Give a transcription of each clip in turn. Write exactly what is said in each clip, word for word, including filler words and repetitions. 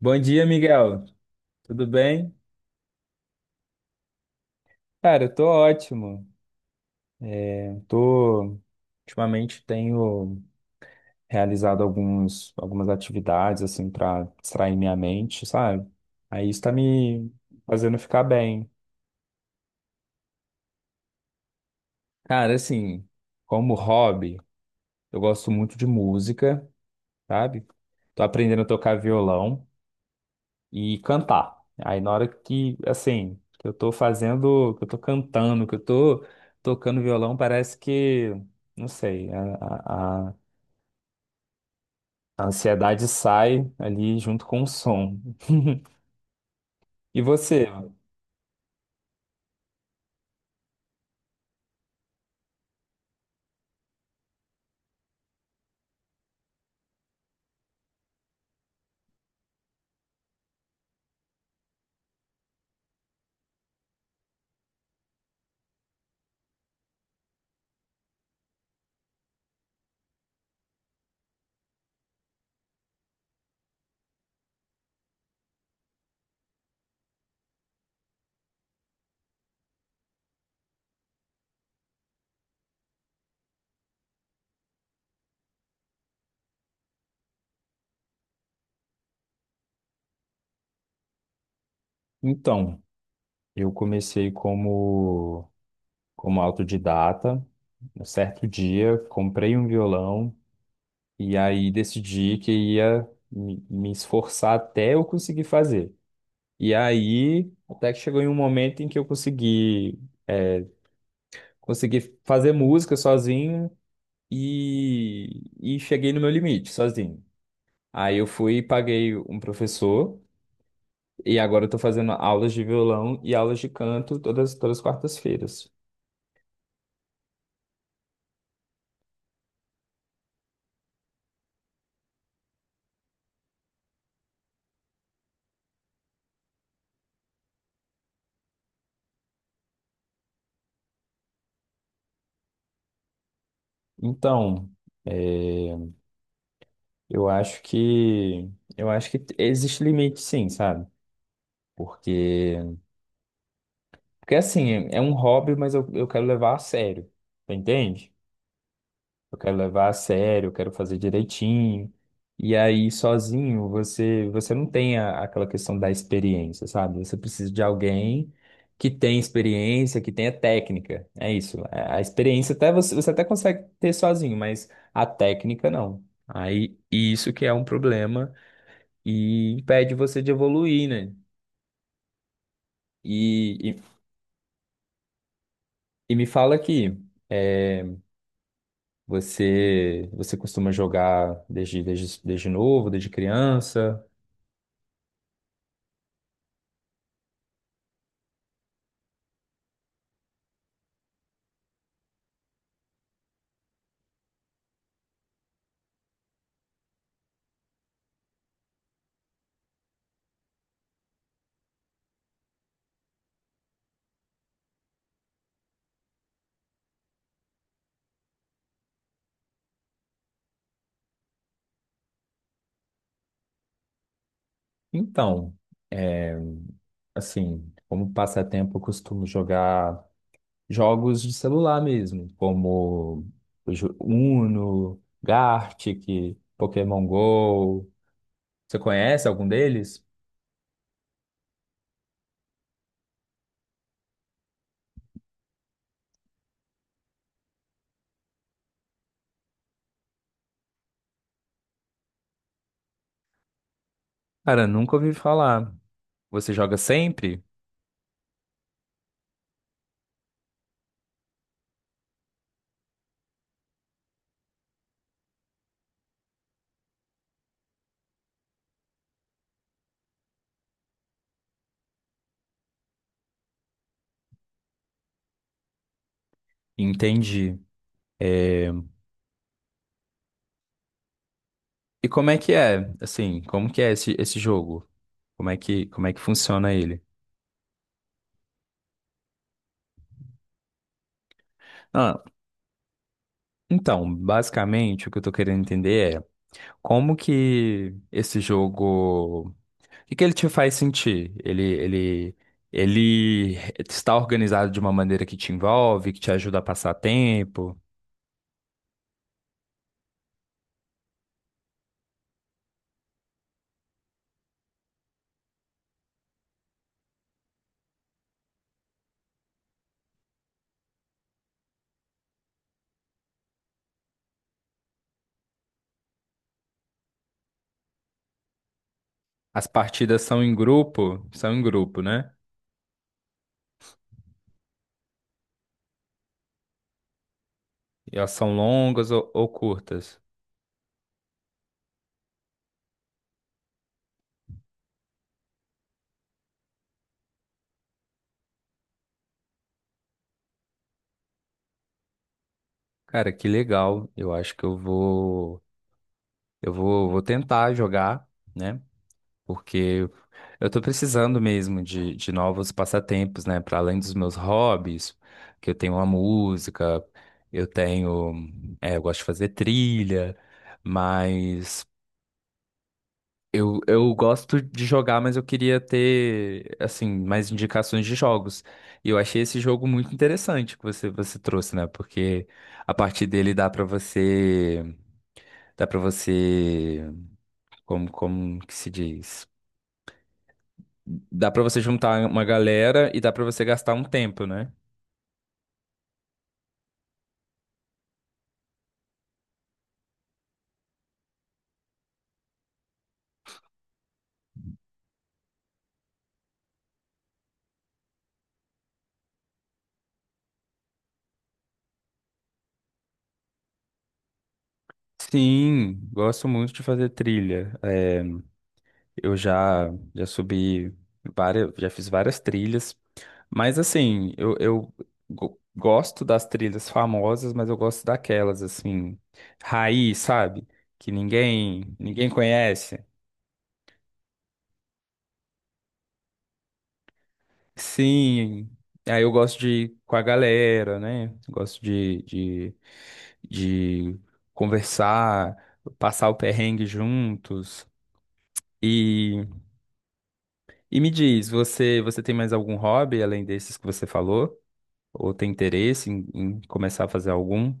Bom dia, Miguel. Tudo bem? Cara, eu tô ótimo. Eu tô ultimamente tenho realizado alguns algumas atividades assim para distrair minha mente, sabe? Aí isso tá me fazendo ficar bem. Cara, assim, como hobby, eu gosto muito de música, sabe? Tô aprendendo a tocar violão e cantar. Aí na hora que, assim, que eu tô fazendo, que eu tô cantando, que eu tô tocando violão, parece que, não sei, a, a- a- a ansiedade sai ali junto com o som. E você? Então, eu comecei como, como autodidata. Um certo dia, comprei um violão e aí decidi que ia me me esforçar até eu conseguir fazer. E aí, até que chegou em um momento em que eu consegui, é, consegui fazer música sozinho e, e cheguei no meu limite sozinho. Aí eu fui e paguei um professor, e agora eu tô fazendo aulas de violão e aulas de canto todas, todas as quartas-feiras. Então, é, eu acho que eu acho que existe limite sim, sabe? Porque, porque assim, é é um hobby, mas eu, eu quero levar a sério, tá, entende? Eu quero levar a sério, eu quero fazer direitinho. E aí, sozinho, você, você não tem a- aquela questão da experiência, sabe? Você precisa de alguém que tem experiência, que tenha técnica. É isso. A a experiência até você, você até consegue ter sozinho, mas a técnica não. Aí, isso que é um problema e impede você de evoluir, né? E, e, e me fala aqui, é, você, você costuma jogar desde, desde, desde novo, desde criança? Então, é, assim, como passatempo, eu costumo jogar jogos de celular mesmo, como jo- Uno, Gartic, Pokémon Go. Você conhece algum deles? Cara, nunca ouvi falar. Você joga sempre? Entendi. É, e como é que é? Assim, como que é esse, esse jogo? Como é que, como é que funciona ele? Ah, então, basicamente, o que eu tô querendo entender é como que esse jogo, que que ele te faz sentir? Ele, ele, ele está organizado de uma maneira que te envolve, que te ajuda a passar tempo. As partidas são em grupo, são em grupo, né? E elas são longas ou, ou curtas. Cara, que legal. Eu acho que eu vou, eu vou, vou tentar jogar, né? Porque eu tô precisando mesmo de, de novos passatempos, né? Para além dos meus hobbies, que eu tenho a música, eu tenho, é, eu gosto de fazer trilha, mas eu, eu gosto de jogar, mas eu queria ter, assim, mais indicações de jogos. E eu achei esse jogo muito interessante que você, você trouxe, né? Porque a partir dele dá para você, dá para você, como, como que se diz? Dá pra você juntar uma galera e dá pra você gastar um tempo, né? Sim, gosto muito de fazer trilha. É, eu já já subi várias, já fiz várias trilhas, mas assim, eu, eu go- gosto das trilhas famosas, mas eu gosto daquelas assim, raiz, sabe? Que ninguém ninguém conhece. Sim, aí eu gosto de ir com a galera, né? Gosto de, de, de conversar, passar o perrengue juntos. E, e me diz, você, você tem mais algum hobby além desses que você falou? Ou tem interesse em, em começar a fazer algum?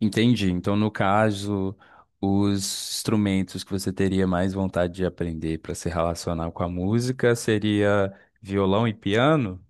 Entendi. Então, no caso, os instrumentos que você teria mais vontade de aprender para se relacionar com a música seria violão e piano?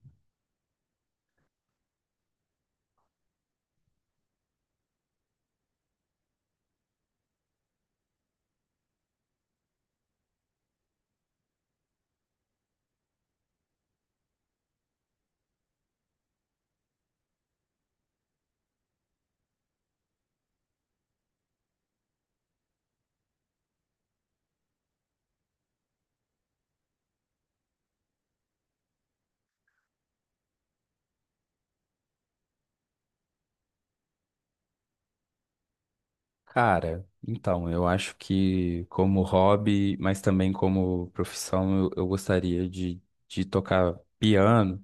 Cara, então, eu acho que como hobby, mas também como profissão, eu, eu gostaria de, de tocar piano.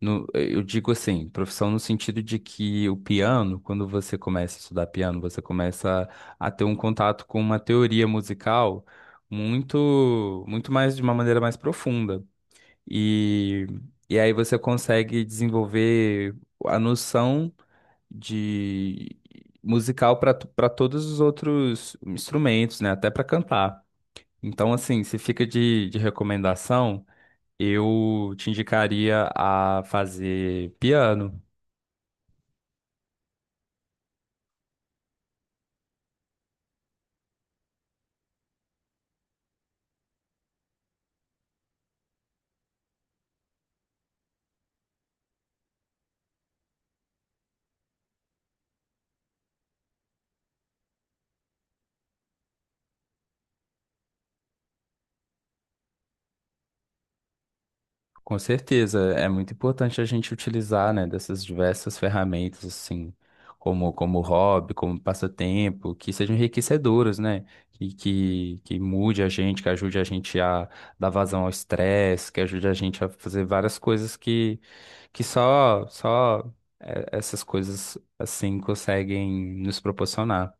No, eu digo assim, profissão no sentido de que o piano, quando você começa a estudar piano, você começa a ter um contato com uma teoria musical muito, muito mais de uma maneira mais profunda. E, e aí você consegue desenvolver a noção de musical para para todos os outros instrumentos, né? Até para cantar. Então, assim, se fica de, de recomendação, eu te indicaria a fazer piano. Com certeza, é muito importante a gente utilizar, né, dessas diversas ferramentas, assim, como, como hobby, como passatempo, que sejam enriquecedoras, né, que, que, que mude a gente, que ajude a gente a dar vazão ao estresse, que ajude a gente a fazer várias coisas que, que só, só eh, essas coisas, assim, conseguem nos proporcionar.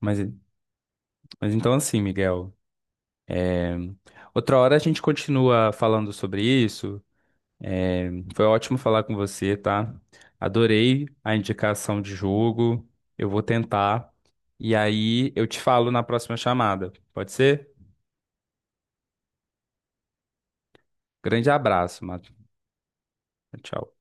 Mas, mas então, assim, Miguel, outra hora a gente continua falando sobre isso. Foi ótimo falar com você, tá? Adorei a indicação de jogo. Eu vou tentar. E aí eu te falo na próxima chamada. Pode ser? Grande abraço, Matheus. Tchau.